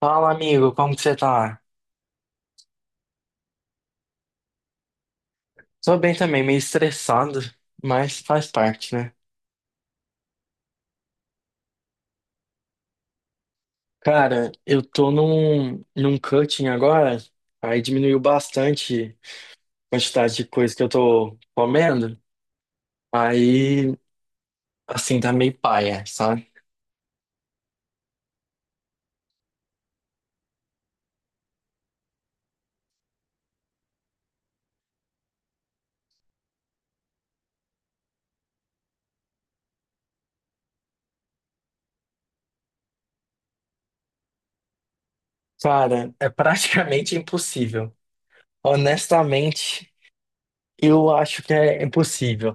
Fala, amigo, como que você tá? Tô bem também, meio estressado, mas faz parte, né? Cara, eu tô num cutting agora, aí diminuiu bastante a quantidade de coisa que eu tô comendo, aí, assim, tá meio paia, sabe? Cara, é praticamente impossível. Honestamente, eu acho que é impossível.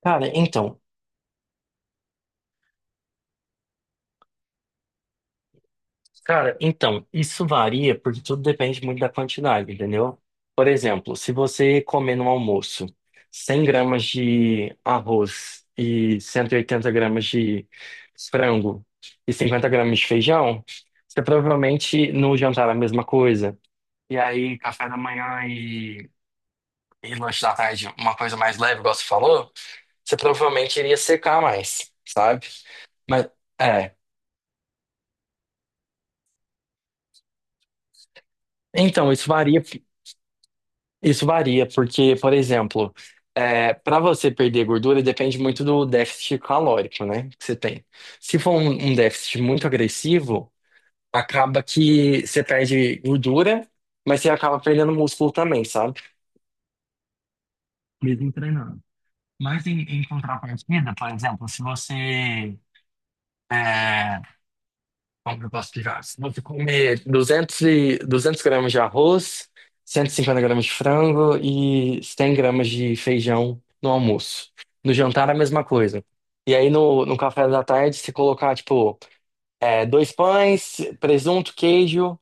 Cara, então, Cara, então, isso varia porque tudo depende muito da quantidade, entendeu? Por exemplo, se você comer no almoço 100 gramas de arroz e 180 gramas de frango e 50 gramas de feijão, você provavelmente no jantar é a mesma coisa. E aí, café da manhã e lanche da tarde, uma coisa mais leve, igual você falou, você provavelmente iria secar mais, sabe? Mas, é. Então, isso varia Isso varia, porque, por exemplo, para você perder gordura depende muito do déficit calórico, né, que você tem. Se for um déficit muito agressivo, acaba que você perde gordura, mas você acaba perdendo músculo também, sabe? Mesmo treinando. Mas em contrapartida, por exemplo, se você como eu posso explicar? Você pode comer 200 gramas de arroz, 150 gramas de frango e 100 gramas de feijão no almoço. No jantar, a mesma coisa. E aí, no café da tarde, você colocar, tipo, dois pães, presunto, queijo,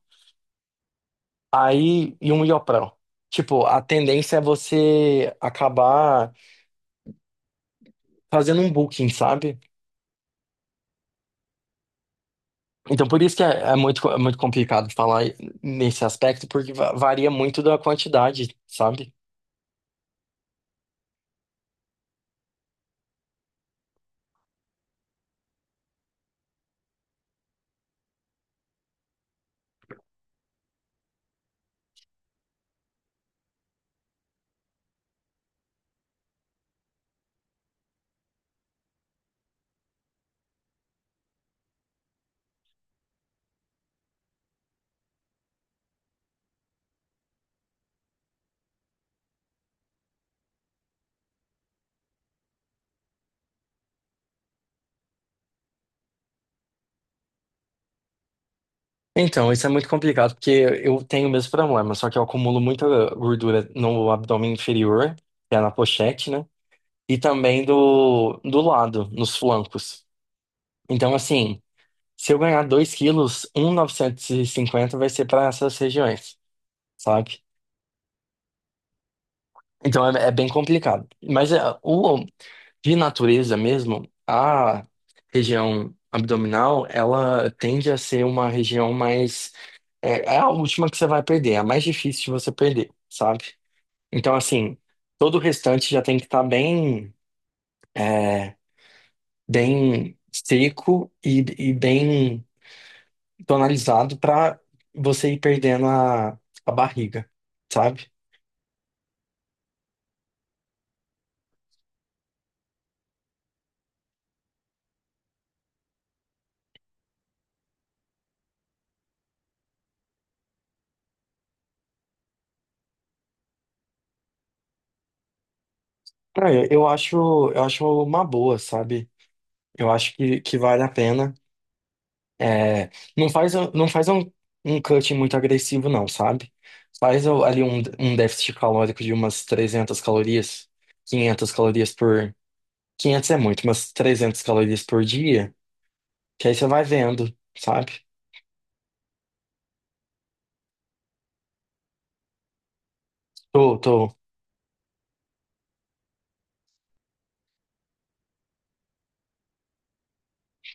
aí e um ioprão. Tipo, a tendência é você acabar fazendo um booking, sabe? Então, por isso que é, é muito complicado falar nesse aspecto, porque varia muito da quantidade, sabe? Então, isso é muito complicado, porque eu tenho o mesmo problema, só que eu acumulo muita gordura no abdômen inferior, que é na pochete, né? E também do lado, nos flancos. Então, assim, se eu ganhar 2 quilos, 1,950 vai ser para essas regiões, sabe? Então é, é bem complicado. Mas é, o, de natureza mesmo, a região abdominal, ela tende a ser uma região mais. É, é a última que você vai perder, é a mais difícil de você perder, sabe? Então, assim, todo o restante já tem que estar bem, é, bem seco e bem tonalizado para você ir perdendo a barriga, sabe? Ah, eu acho, eu acho uma boa, sabe? Eu acho que vale a pena. É, não faz um cut muito agressivo, não, sabe? Faz o- ali um déficit calórico de umas 300 calorias, 500 calorias por... 500 é muito, mas 300 calorias por dia, que aí você vai vendo, sabe? Tô, tô.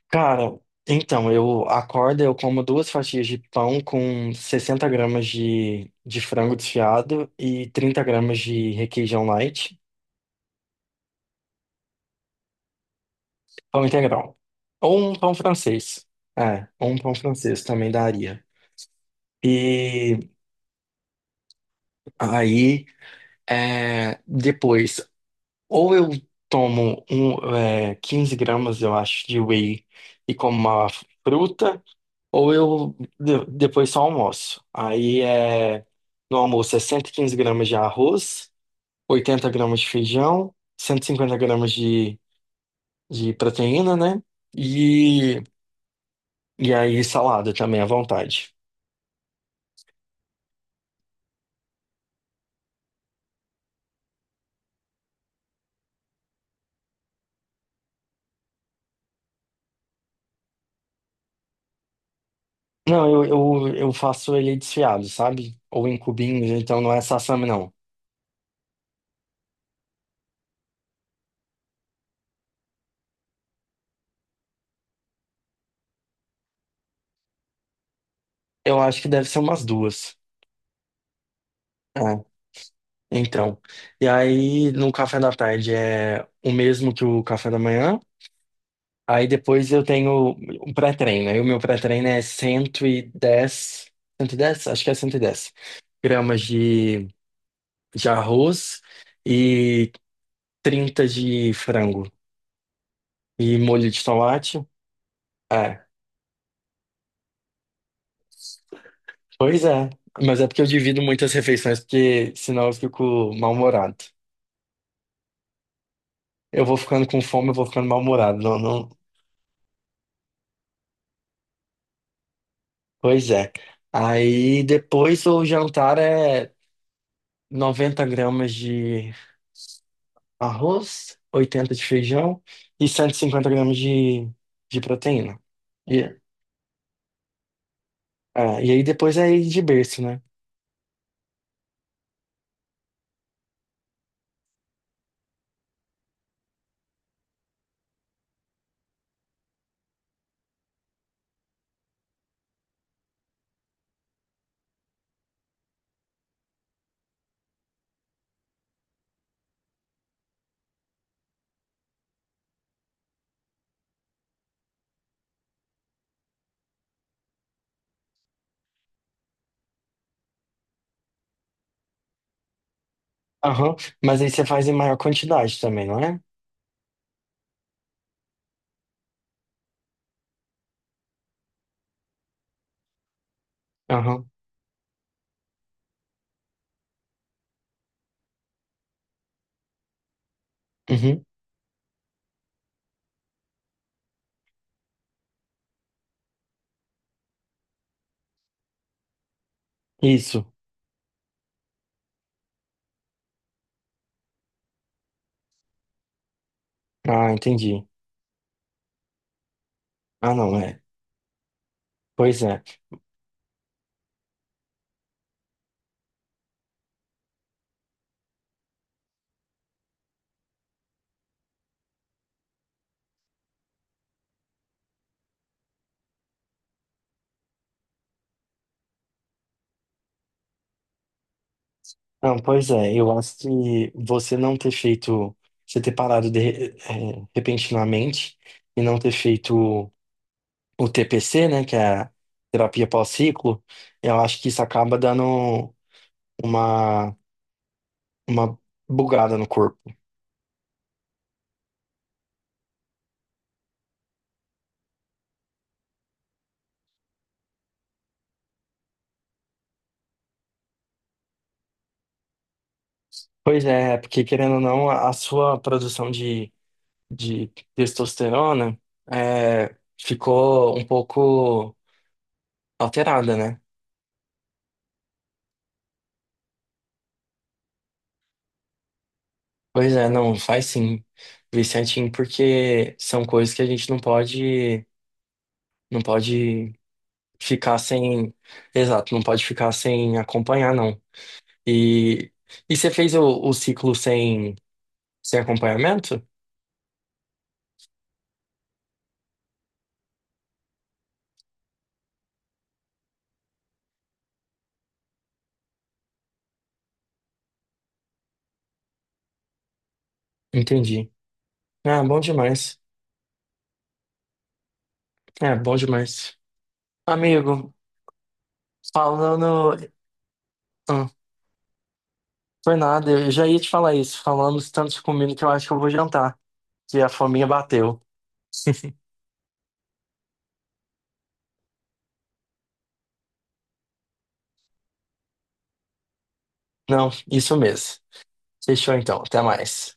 Cara, então, eu acordo, eu como 2 fatias de pão com 60 gramas de frango desfiado e 30 gramas de requeijão light. Pão integral. Ou um pão francês. É, ou um pão francês também daria. E aí, é, depois, ou eu tomo um, é, 15 gramas, eu acho, de whey e como uma fruta, ou eu depois só almoço. Aí, é, no almoço é 115 gramas de arroz, 80 gramas de feijão, 150 gramas de proteína, né? E, e aí, salada também à vontade. Não, eu faço ele desfiado, sabe? Ou em cubinhos, então não é sassami, não. Eu acho que deve ser umas duas. É, então. E aí, no café da tarde é o mesmo que o café da manhã. Aí depois eu tenho um pré-treino. Aí o meu pré-treino é acho que é 110 gramas de arroz e 30 de frango e molho de tomate. É. Pois é, mas é porque eu divido muitas refeições, porque senão eu fico mal-humorado. Eu vou ficando com fome, eu vou ficando mal-humorado. Não, não... Pois é. Aí depois o jantar é 90 gramas de arroz, 80 de feijão e 150 gramas de proteína. E, é, e aí depois é ir de berço, né? Aham, mas aí você faz em maior quantidade também, não é? Aham, uhum, isso. Ah, entendi. Ah, não, é. Pois é. Não, pois é, eu acho que você não ter feito, você ter parado repentinamente e não ter feito o TPC, né, que é a terapia pós-ciclo, eu acho que isso acaba dando uma, uma bugada no corpo. Pois é, porque querendo ou não, a sua produção de testosterona eh, ficou um pouco alterada, né? Pois é, não, faz sim, vê certinho, porque são coisas que a gente não pode, não pode ficar sem, exato, não pode ficar sem acompanhar, não. E, e você fez o ciclo sem, sem acompanhamento? Entendi. Ah, bom demais. É, bom demais. Amigo, falando, ah, foi nada, eu já ia te falar isso, falamos tanto de comida que eu acho que eu vou jantar, que a fominha bateu. Não, isso mesmo. Fechou então, até mais.